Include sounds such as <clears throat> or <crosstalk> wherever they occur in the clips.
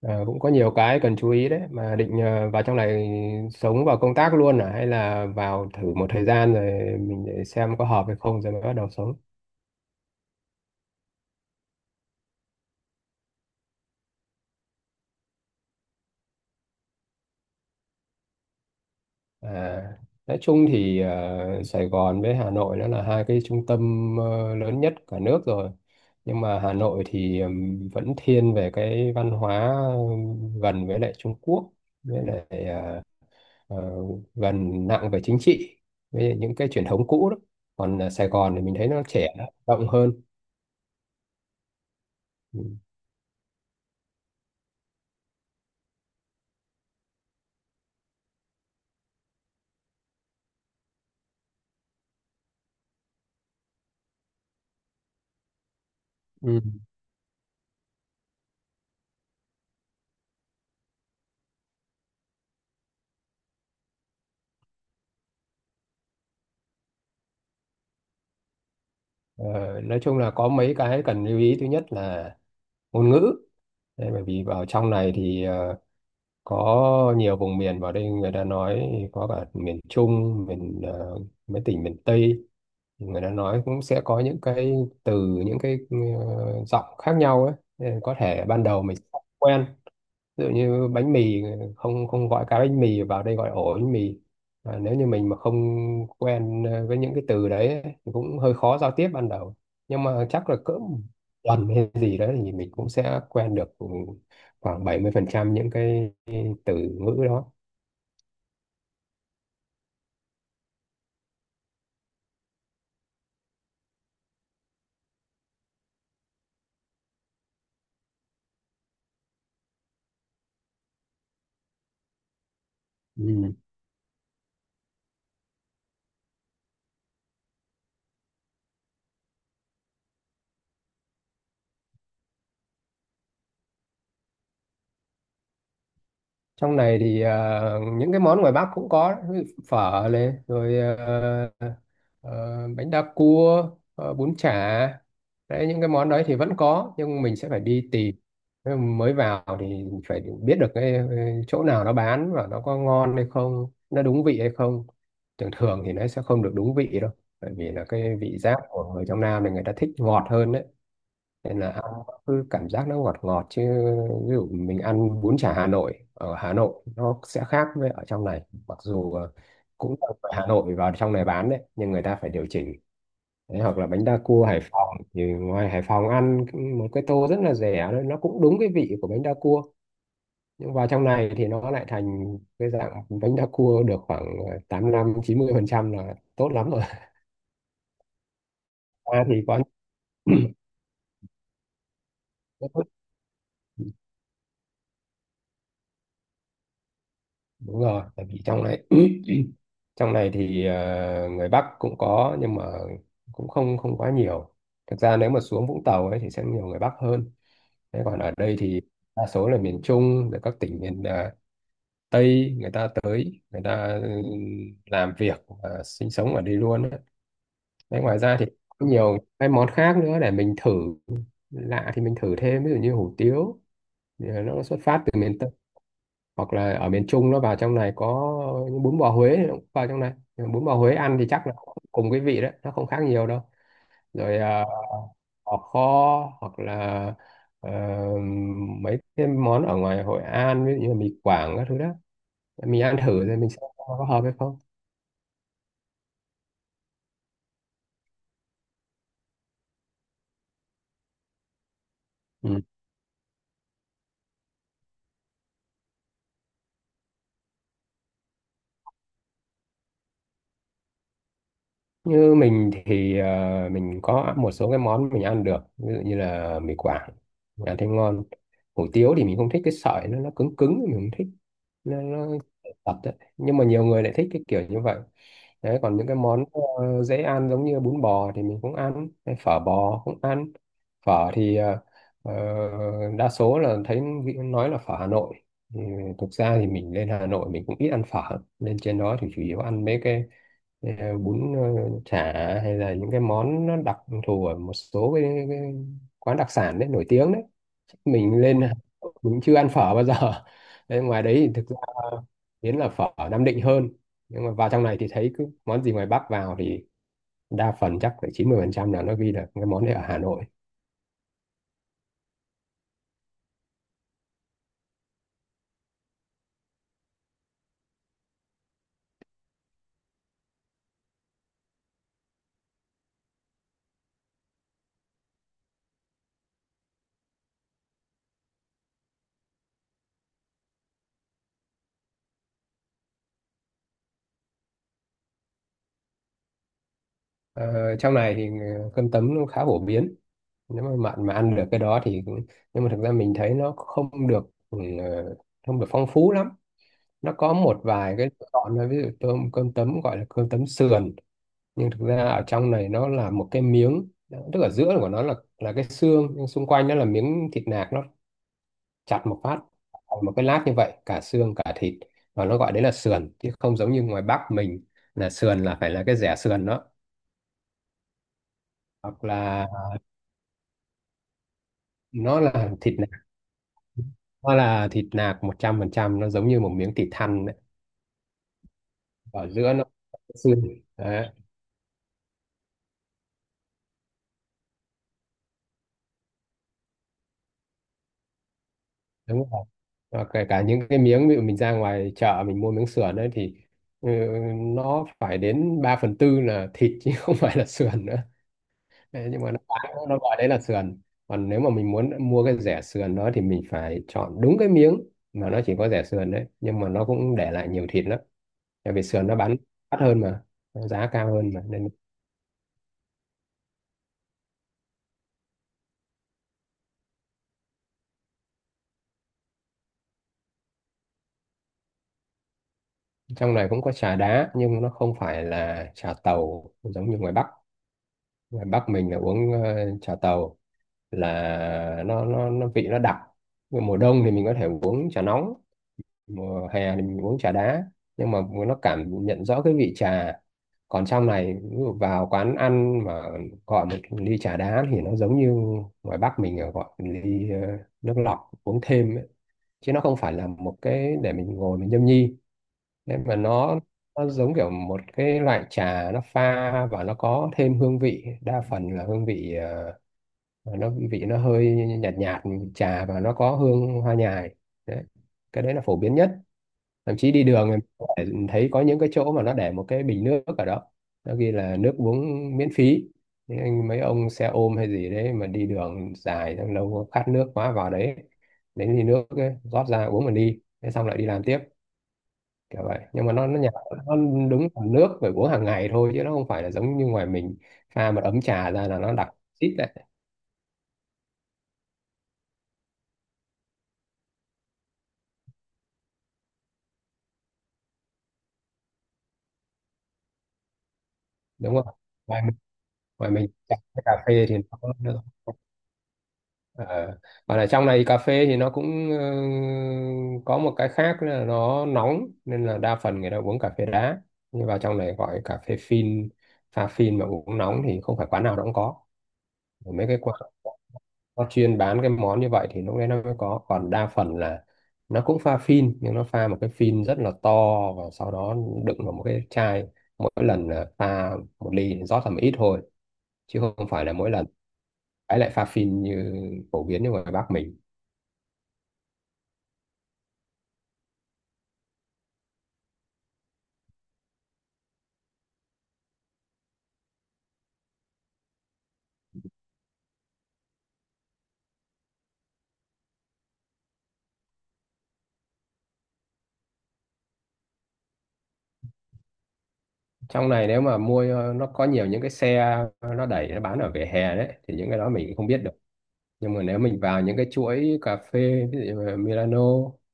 Ờ, Cũng có nhiều cái cần chú ý đấy mà định vào trong này sống và công tác luôn à? Hay là vào thử một thời gian rồi mình để xem có hợp hay không rồi mới bắt đầu sống. À, nói chung thì Sài Gòn với Hà Nội nó là hai cái trung tâm lớn nhất cả nước rồi. Nhưng mà Hà Nội thì vẫn thiên về cái văn hóa, gần với lại Trung Quốc, với lại ờ, gần nặng về chính trị với những cái truyền thống cũ đó. Còn Sài Gòn thì mình thấy nó trẻ, nó rộng hơn. Ừ. Ừ. Ờ, nói chung là có mấy cái cần lưu ý. Thứ nhất là ngôn ngữ. Đấy, bởi vì vào trong này thì có nhiều vùng miền vào đây người ta nói, có cả miền Trung, miền mấy tỉnh miền Tây thì người ta nói cũng sẽ có những cái từ, những cái giọng khác nhau ấy. Nên có thể ban đầu mình không quen. Ví dụ như bánh mì, không không gọi cá bánh mì, vào đây gọi ổ bánh mì. Và nếu như mình mà không quen với những cái từ đấy ấy, thì cũng hơi khó giao tiếp ban đầu. Nhưng mà chắc là cỡ một tuần hay gì đấy thì mình cũng sẽ quen được khoảng 70% những cái từ ngữ đó. Ừ. Trong này thì những cái món ngoài Bắc cũng có đấy. Ví dụ phở này, rồi bánh đa cua, bún chả. Đấy, những cái món đấy thì vẫn có nhưng mình sẽ phải đi tìm. Thế mà mới vào thì phải biết được cái chỗ nào nó bán và nó có ngon hay không, nó đúng vị hay không. Thường thường thì nó sẽ không được đúng vị đâu, bởi vì là cái vị giác của người trong Nam thì người ta thích ngọt hơn đấy. Nên là ăn nó cứ cảm giác nó ngọt ngọt chứ. Ví dụ mình ăn bún chả Hà Nội ở Hà Nội nó sẽ khác với ở trong này, mặc dù cũng là ở Hà Nội vào trong này bán đấy, nhưng người ta phải điều chỉnh. Đấy, hoặc là bánh đa cua Hải Phòng thì ngoài Hải Phòng ăn một cái tô rất là rẻ thôi, nó cũng đúng cái vị của bánh đa cua. Nhưng vào trong này thì nó lại thành cái dạng bánh đa cua được khoảng 85-90% là tốt lắm rồi. <laughs> Ta thì có những cái tốt. Đúng rồi, tại vì trong này <clears throat> trong này thì người Bắc cũng có nhưng mà cũng không không quá nhiều. Thực ra nếu mà xuống Vũng Tàu ấy thì sẽ nhiều người Bắc hơn. Thế còn ở đây thì đa số là miền Trung, rồi các tỉnh miền Tây, người ta tới người ta làm việc và sinh sống ở đây luôn ấy. Đấy, ngoài ra thì có nhiều cái món khác nữa để mình thử. Lạ thì mình thử thêm, ví dụ như hủ tiếu thì nó xuất phát từ miền Tây, hoặc là ở miền Trung nó vào trong này có, những bún bò Huế nó cũng vào trong này. Nhưng mà bún bò Huế ăn thì chắc là cũng cùng cái vị đấy, nó không khác nhiều đâu. Rồi à, bò kho, hoặc là ờ, mấy cái món ở ngoài Hội An, ví dụ như là mì Quảng các thứ đó, mình ăn thử rồi mình xem có hợp hay không. Ừ. Như mình thì mình có một số cái món mình ăn được, ví dụ như là mì Quảng, mình ăn thấy ngon. Hủ tiếu thì mình không thích cái sợi, nó cứng cứng mình không thích, nó tật đấy. Nhưng mà nhiều người lại thích cái kiểu như vậy. Đấy, còn những cái món dễ ăn giống như bún bò thì mình cũng ăn, hay phở bò cũng ăn. Phở thì ờ, đa số là thấy vị- nói là phở Hà Nội. Ừ, thực ra thì mình lên Hà Nội mình cũng ít ăn phở, lên trên đó thì chủ yếu ăn mấy cái ờ, bún chả, hay là những cái món nó đặc thù ở một số cái quán đặc sản đấy nổi tiếng đấy. Mình lên Hà Nội mình chưa ăn phở bao giờ. <laughs> Đấy, ngoài đấy thì thực ra biến là phở ở Nam Định hơn. Nhưng mà vào trong này thì thấy cứ món gì ngoài Bắc vào thì đa phần chắc phải 90% là nó ghi là cái món này ở Hà Nội. Ờ, Trong này thì cơm tấm nó khá phổ biến, nếu mà bạn mà ăn được cái đó thì. Nhưng mà thực ra mình thấy nó không được không được phong phú lắm. Nó có một vài cái lựa chọn thôi. Ví dụ tôm cơm tấm gọi là cơm tấm sườn, nhưng thực ra ở trong này nó là một cái miếng, tức ở giữa của nó là cái xương nhưng xung quanh nó là miếng thịt nạc, nó chặt một phát thành một cái lát như vậy cả xương cả thịt. Và nó gọi đấy là sườn chứ không giống như ngoài Bắc mình là sườn là phải là cái rẻ sườn đó. Hoặc là nó là thịt nạc, nó là thịt nạc 100%, nó giống như một miếng thịt thăn đấy. Ở giữa nó có cái xương. Đấy, đúng rồi. Và kể cả những cái miếng ví dụ mình ra ngoài chợ mình mua miếng sườn đấy thì ừ, nó phải đến 3/4 là thịt chứ không phải là sườn nữa. Thế nhưng mà nó bán, nó gọi đấy là sườn. Còn nếu mà mình muốn mua cái rẻ sườn đó thì mình phải chọn đúng cái miếng mà nó chỉ có rẻ sườn đấy, nhưng mà nó cũng để lại nhiều thịt lắm, tại vì sườn nó bán đắt hơn mà, nó giá cao hơn mà nên. Trong này cũng có trà đá nhưng nó không phải là trà tàu giống như ngoài Bắc. Ngoài Bắc mình là uống trà tàu, là nó vị nó đặc. Nhưng mùa đông thì mình có thể uống trà nóng, mùa hè thì mình uống trà đá. Nhưng mà nó cảm nhận rõ cái vị trà. Còn trong này ví dụ vào quán ăn mà gọi một ly trà đá thì nó giống như ngoài Bắc mình là gọi một ly nước lọc uống thêm ấy. Chứ nó không phải là một cái để mình ngồi mình nhâm nhi. Nên mà nó giống kiểu một cái loại trà nó pha và nó có thêm hương vị, đa phần là hương vị nó vị nó hơi nhạt nhạt, trà và nó có hương hoa nhài đấy. Cái đấy là phổ biến nhất. Thậm chí đi đường em có thể thấy có những cái chỗ mà nó để một cái bình nước ở đó, nó ghi là nước uống miễn phí. Thế anh mấy ông xe ôm hay gì đấy mà đi đường dài xong lâu khát nước quá vào đấy lấy ly nước ấy, rót ra uống mà đi, thế xong lại đi làm tiếp. Kiểu vậy nhưng mà nó nhạt. Nó đúng là nước phải uống hàng ngày thôi chứ nó không phải là giống như ngoài mình pha một ấm trà ra là nó đặc xít lại. Đúng không? Ngoài mình, ngoài mình trà với cà phê thì nó. Ờ. Và ở trong này cà phê thì nó cũng có một cái khác là nó nóng nên là đa phần người ta uống cà phê đá. Nhưng vào trong này gọi cà phê phin, pha phin mà uống nóng thì không phải quán nào nó cũng có. Mấy cái quán nó chuyên bán cái món như vậy thì lúc đấy nó mới có. Còn đa phần là nó cũng pha phin nhưng nó pha một cái phin rất là to và sau đó đựng vào một cái chai, mỗi lần là pha một ly rót tầm ít thôi. Chứ không phải là mỗi lần ấy lại pha phin như phổ biến như ngoài Bắc mình. Trong này nếu mà mua, nó có nhiều những cái xe nó đẩy nó bán ở vỉa hè đấy thì những cái đó mình cũng không biết được. Nhưng mà nếu mình vào những cái chuỗi cà phê ví dụ như là Milano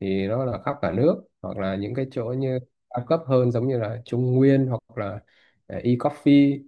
thì nó là khắp cả nước. Hoặc là những cái chỗ như cao cấp hơn giống như là Trung Nguyên, hoặc là e-coffee,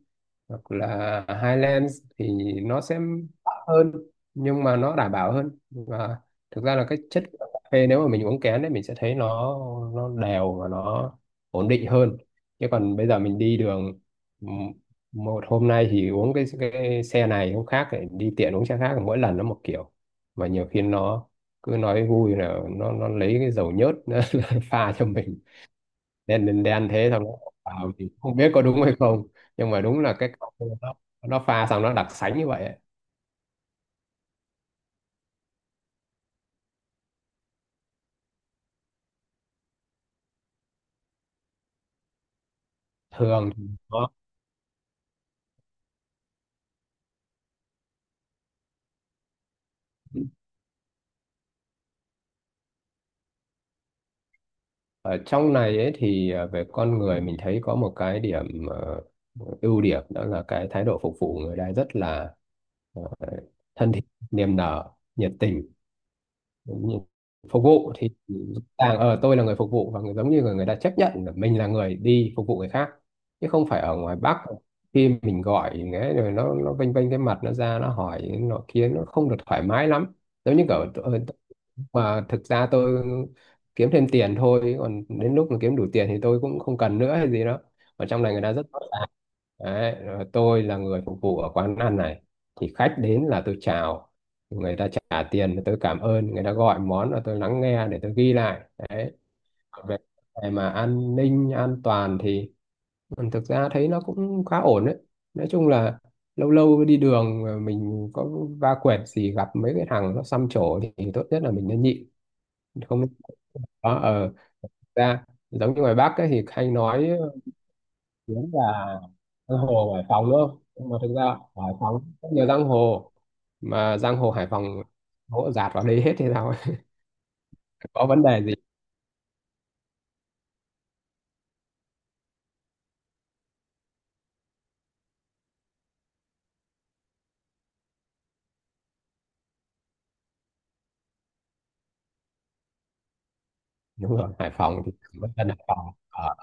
hoặc là Highlands thì nó sẽ đắt hơn nhưng mà nó đảm bảo hơn. Và thực ra là cái chất của cà phê nếu mà mình uống kén đấy mình sẽ thấy nó đều và nó ổn định hơn. Chứ còn bây giờ mình đi đường m- một hôm nay thì uống cái xe này, hôm khác lại đi tiện uống xe khác, mỗi lần nó một kiểu. Mà nhiều khi nó cứ nói vui là nó lấy cái dầu nhớt <laughs> nó pha cho mình đen đen để thế xong nó vào thì không biết có đúng hay không. Nhưng mà đúng là cái cà phê nó pha xong nó đặc sánh như vậy ấy. Thường thì nó, ở trong này ấy thì về con người mình thấy có một cái điểm ưu điểm, đó là cái thái độ phục vụ người ta rất là ờ, thân thiện, niềm nở, nhiệt tình. Đúng rồi. Phục vụ thì càng ở, tôi là người phục vụ và người giống như người người ta chấp nhận là mình là người đi phục vụ người khác, chứ không phải ở ngoài Bắc khi mình gọi nghe rồi nó vênh vênh cái mặt nó ra, nó hỏi nó kia nó không được thoải mái lắm. Giống như kiểu tôi-, mà thực ra tôi kiếm thêm tiền thôi, còn đến lúc mà kiếm đủ tiền thì tôi cũng không cần nữa hay gì đó. Ở trong này người ta rất rõ ràng đấy. Rồi tôi là người phục vụ ở quán ăn này thì khách đến là tôi chào, người ta trả tiền thì tôi cảm ơn, người ta gọi món là tôi lắng nghe để tôi ghi lại đấy. Còn về cái mà an ninh an toàn thì thực ra thấy nó cũng khá ổn đấy. Nói chung là lâu lâu đi đường mà mình có va quẹt gì gặp mấy cái thằng nó xăm trổ thì tốt nhất là mình nên nhịn. Không. Đó, ra, giống như ngoài Bắc ấy, thì hay nói tiếng là giang hồ Hải Phòng đúng không? Nhưng mà thực ra Hải Phòng rất nhiều giang hồ. Mà giang hồ Hải Phòng hỗ dạt vào đấy hết thì sao, có vấn đề gì. Đúng rồi, Hải Phòng thì vẫn dân Hải Phòng ở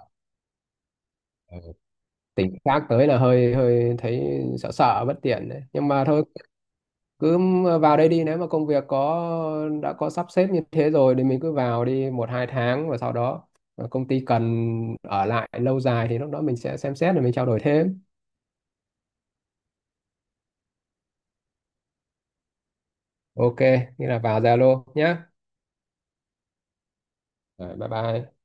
tỉnh khác tới là hơi hơi thấy sợ sợ bất tiện đấy nhưng mà thôi, cứ vào đây đi. Nếu mà công việc có đã có sắp xếp như thế rồi thì mình cứ vào đi 1-2 tháng, và sau đó công ty cần ở lại lâu dài thì lúc đó mình sẽ xem xét rồi mình trao đổi thêm. OK, nghĩa là vào Zalo nhé. Rồi, bye bye.